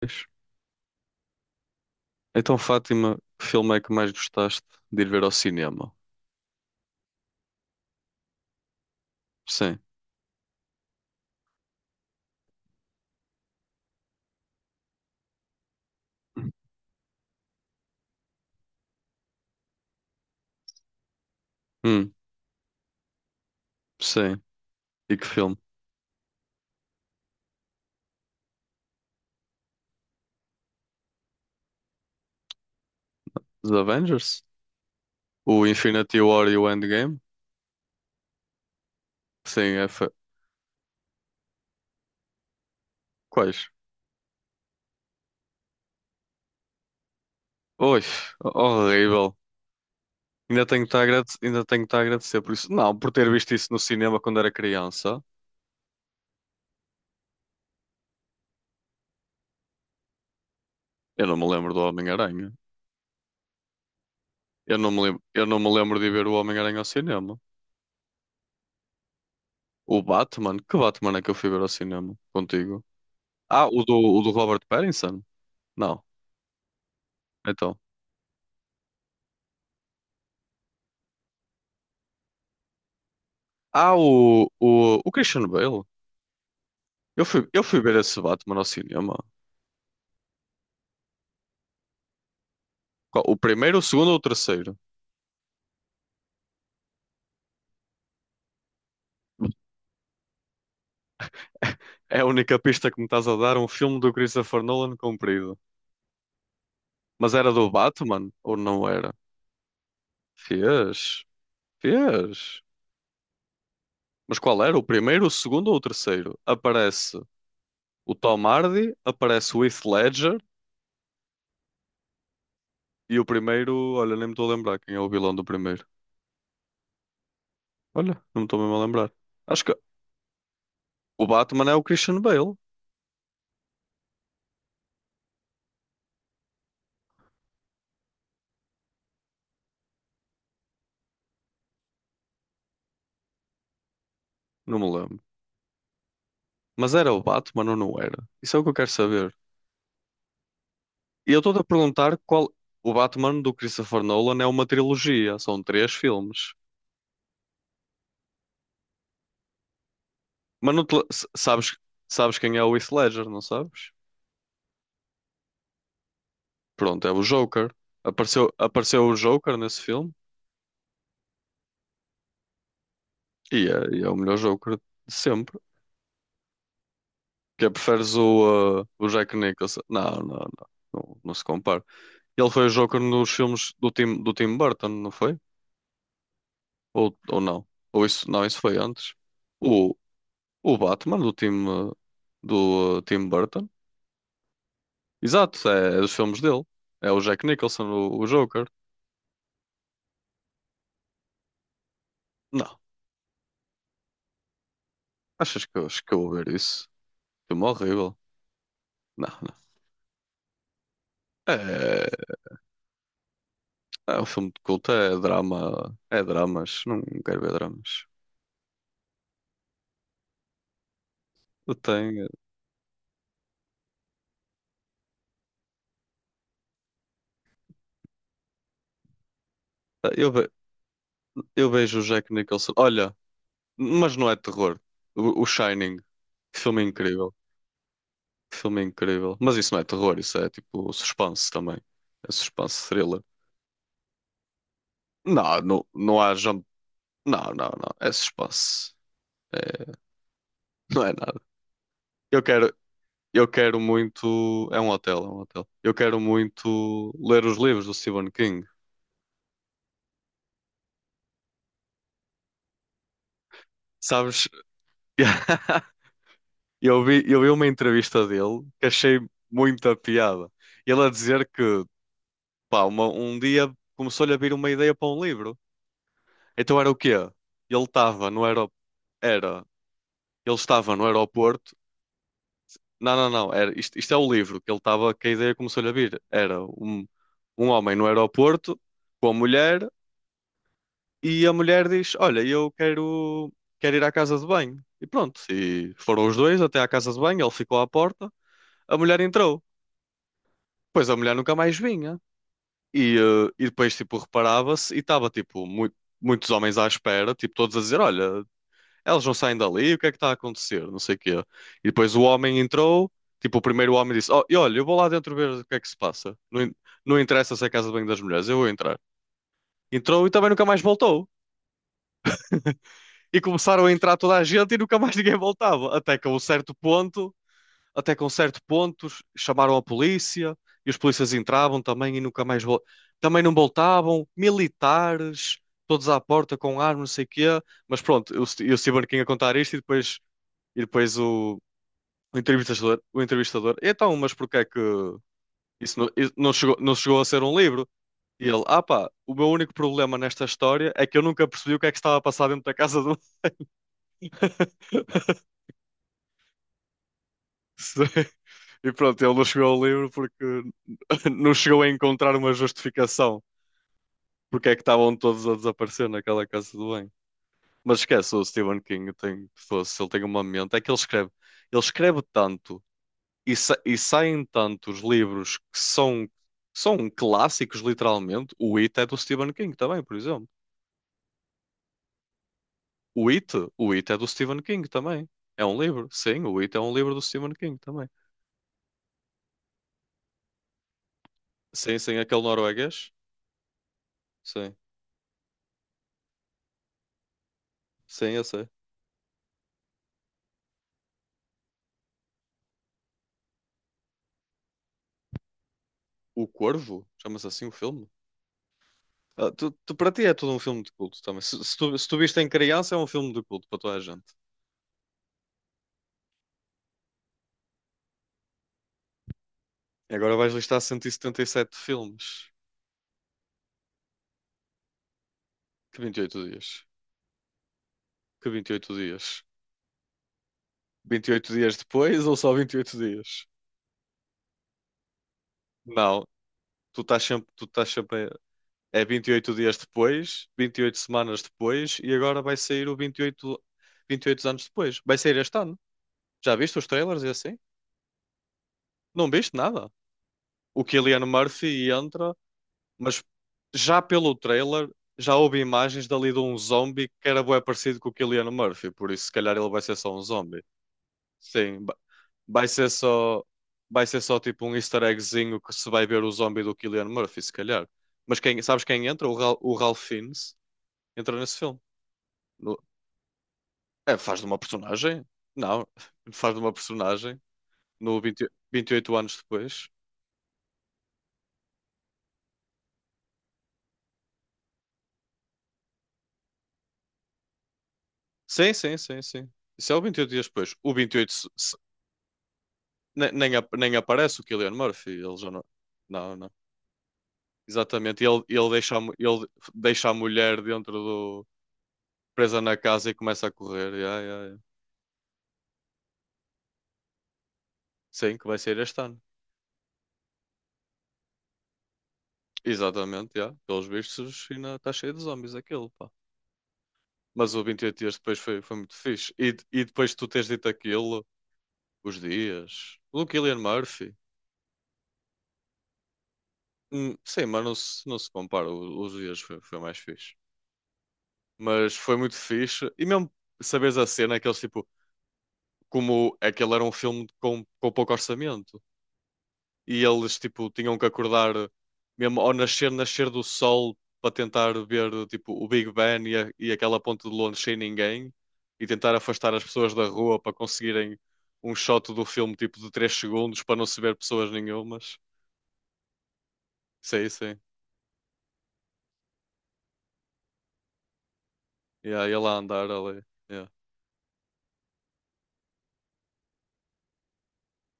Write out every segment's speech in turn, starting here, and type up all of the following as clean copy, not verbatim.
Pois. Então, Fátima, que filme é que mais gostaste de ir ver ao cinema? Sim. Hum, sim. E que filme? Os Avengers? O Infinity War e o Endgame? Sim, Quais? Oi, horrível. Ainda tenho que estar a agradecer por isso. Não, por ter visto isso no cinema quando era criança. Eu não me lembro do Homem-Aranha. Eu não me lembro de ir ver o Homem-Aranha ao cinema. O Batman? Que Batman é que eu fui ver ao cinema contigo? Ah, o do Robert Pattinson? Não. Então. Ah, o Christian Bale. Eu fui ver esse Batman ao cinema. O primeiro, o segundo ou o terceiro? É a única pista que me estás a dar, um filme do Christopher Nolan comprido. Mas era do Batman ou não era? Fez, fez. Mas qual era? O primeiro, o segundo ou o terceiro? Aparece o Tom Hardy, aparece o Heath Ledger e o primeiro, olha, nem me estou a lembrar quem é o vilão do primeiro. Olha, não me estou mesmo a lembrar. Acho que o Batman é o Christian Bale, não me lembro. Mas era o Batman ou não era? Isso é o que eu quero saber. E eu estou-te a perguntar qual. O Batman do Christopher Nolan é uma trilogia, são três filmes. Mas não te... s- sabes... Sabes quem é o Heath Ledger, não sabes? Pronto, é o Joker. Apareceu o Joker nesse filme e é o melhor Joker de sempre. Que é, preferes o Jack Nicholson? Não, não, não, não, não se compara. Ele foi o Joker nos filmes do Tim Burton, não foi? Ou não? Ou isso, não, isso foi antes. O Batman do time do Tim Burton. Exato, é, é dos filmes dele. É o Jack Nicholson, o Joker. Não, achas que, acho que eu vou ver isso? Filme horrível. Não, não. É, é um filme de culto, é drama, é dramas. Não quero ver dramas. Eu tenho, eu, ve- Eu vejo o Jack Nicholson. Olha, mas não é terror. O Shining, que filme incrível, que filme incrível. Mas isso não é terror, isso é tipo suspense também. É suspense thriller. Não, não, não há jump Não, não, não. É suspense. É, não é nada. Eu quero, eu quero muito. É um hotel, é um hotel. Eu quero muito ler os livros do Stephen King. Sabes? Eu vi uma entrevista dele que achei muita piada. Ele a dizer que, pá, um dia começou-lhe a vir uma ideia para um livro. Então era o quê? Ele estava no aero... era, Ele estava no aeroporto. Não, não, não. Era, isto é o livro que ele estava, que a ideia começou-lhe a vir. Era um homem no aeroporto com a mulher e a mulher diz: Olha, eu quero ir à casa de banho. E pronto. E foram os dois até à casa de banho, ele ficou à porta, a mulher entrou. Pois a mulher nunca mais vinha. E depois, tipo, reparava-se e estava, tipo, muitos homens à espera, tipo, todos a dizer: Olha, eles não saem dali, o que é que está a acontecer? Não sei o quê. E depois o homem entrou, tipo, o primeiro homem disse: Oh, e olha, eu vou lá dentro ver o que é que se passa. Não, não interessa se é a casa de banho das mulheres, eu vou entrar. Entrou e também nunca mais voltou. E começaram a entrar toda a gente e nunca mais ninguém voltava. Até que a um certo ponto, até que a um certo ponto, ch- chamaram a polícia e os polícias entravam também e nunca mais voltavam. Também não voltavam, militares, todos à porta com armas, não sei o quê. Mas pronto, eu estive aqui a contar isto e depois. E depois o, o entrevistador, então, mas porquê é que isso não, isso não chegou a ser um livro? E ele, ah pá, o meu único problema nesta história é que eu nunca percebi o que é que estava a passar dentro da casa do. E pronto, ele não chegou ao livro porque não chegou a encontrar uma justificação porque é que estavam todos a desaparecer naquela casa do bem. Mas esquece, o Stephen King tem, fosse, ele tem uma mente, é que ele escreve tanto e, e saem tantos livros que são, são clássicos, literalmente. O It é do Stephen King também, por exemplo. O It, o It é do Stephen King também. É um livro, sim, o It é um livro do Stephen King também. Sim, sim, aquele norueguês. Sim, sim, eu sei. O Corvo, chama-se assim o filme. Ah, para ti é tudo um filme de culto também. Se, se tu viste em criança, é um filme de culto para toda a gente. E agora vais listar 177 filmes. Que 28 dias. Que 28 dias. 28 dias depois ou só 28 dias? Não, tu estás sempre. É vinte e oito dias depois, 28 semanas depois e agora vai sair o 28 anos depois. Vai sair este ano. Já viste os trailers e assim? Não viste nada. O Cillian Murphy entra, mas já pelo trailer já houve imagens dali de um zombie que era bué parecido com o Cillian Murphy, por isso se calhar ele vai ser só um zombie. Sim, vai ser só, vai ser só tipo um easter eggzinho que se vai ver o zombie do Cillian Murphy, se calhar. Mas quem, sabes quem entra? O Ralph Fiennes entra nesse filme. No- É, faz de uma personagem? Não, faz de uma personagem no 28 anos depois. Sim, sim, sim, sim. Isso é o 28 dias depois. O 28 nem aparece o Cillian Murphy, ele já não. Não, não. Exatamente. Ele deixa a mulher dentro do presa na casa e começa a correr. Ya, ya, sim, que vai sair este ano. Exatamente, já. Pelos vistos, ainda está cheio de zombies aquilo, pá. Mas o 28 dias depois foi, foi muito fixe. E, e depois de tu teres dito aquilo, os dias. O Cillian Murphy. Sim, mas não se compara. Os dias foi mais fixe. Mas foi muito fixe. E mesmo saberes a cena, aqueles tipo, como aquele era um filme com pouco orçamento. E eles tipo tinham que acordar mesmo ao nascer do sol para tentar ver tipo o Big Ben e aquela ponte de Londres sem ninguém e tentar afastar as pessoas da rua para conseguirem um shot do filme tipo de 3 segundos para não se ver pessoas nenhumas. Sim, sim. Yeah, e ela andar ali. Yeah.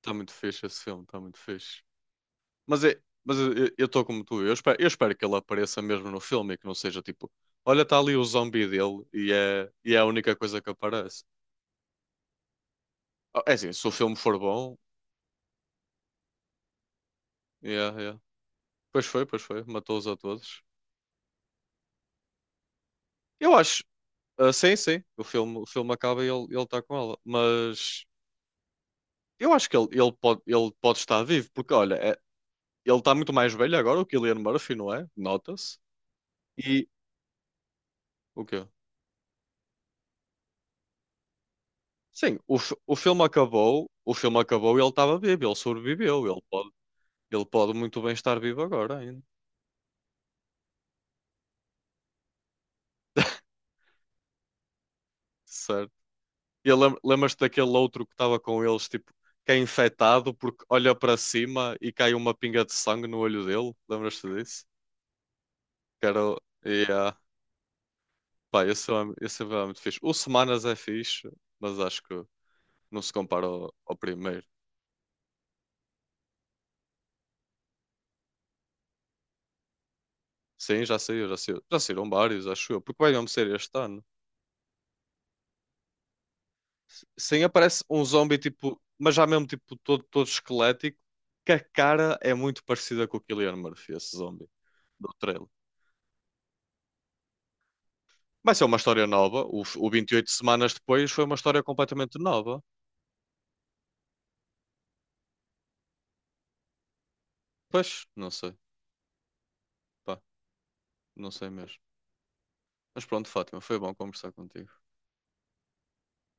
Está muito fixe esse filme, está muito fixe. Mas, é, mas eu estou como tu, eu espero que ele apareça mesmo no filme e que não seja tipo, olha, está ali o zombie dele e é a única coisa que aparece. Ah, é assim, se o filme for bom. Yeah, yeah. Pois foi, pois foi. Matou-os a todos. Eu acho. Ah, sim, sim. O filme acaba e ele está com ela. Mas eu acho que ele pode estar vivo. Porque, olha, é- ele está muito mais velho agora, o Cillian Murphy, não é? Nota-se. E o quê? Sim, o filme acabou. O filme acabou e ele estava vivo. Ele sobreviveu. Ele pode muito bem estar vivo agora ainda. Certo. E lembras-te daquele outro que estava com eles, tipo, que é infectado porque olha para cima e cai uma pinga de sangue no olho dele? Lembras-te disso? Que era. Yeah. Pá, esse é muito fixe. O Semanas é fixe, mas acho que não se compara ao, ao primeiro. Sim, já saiu, já saiu. Já saíram vários, acho eu. Porque vai mesmo ser este ano. Sim, aparece um zombie, tipo, mas já mesmo, tipo, todo, todo esquelético, que a cara é muito parecida com o Cillian Murphy, esse zombie, do trailer. Vai ser uma história nova. O 28 semanas depois foi uma história completamente nova. Pois, não sei. Pá, não sei mesmo. Mas pronto, Fátima, foi bom conversar contigo.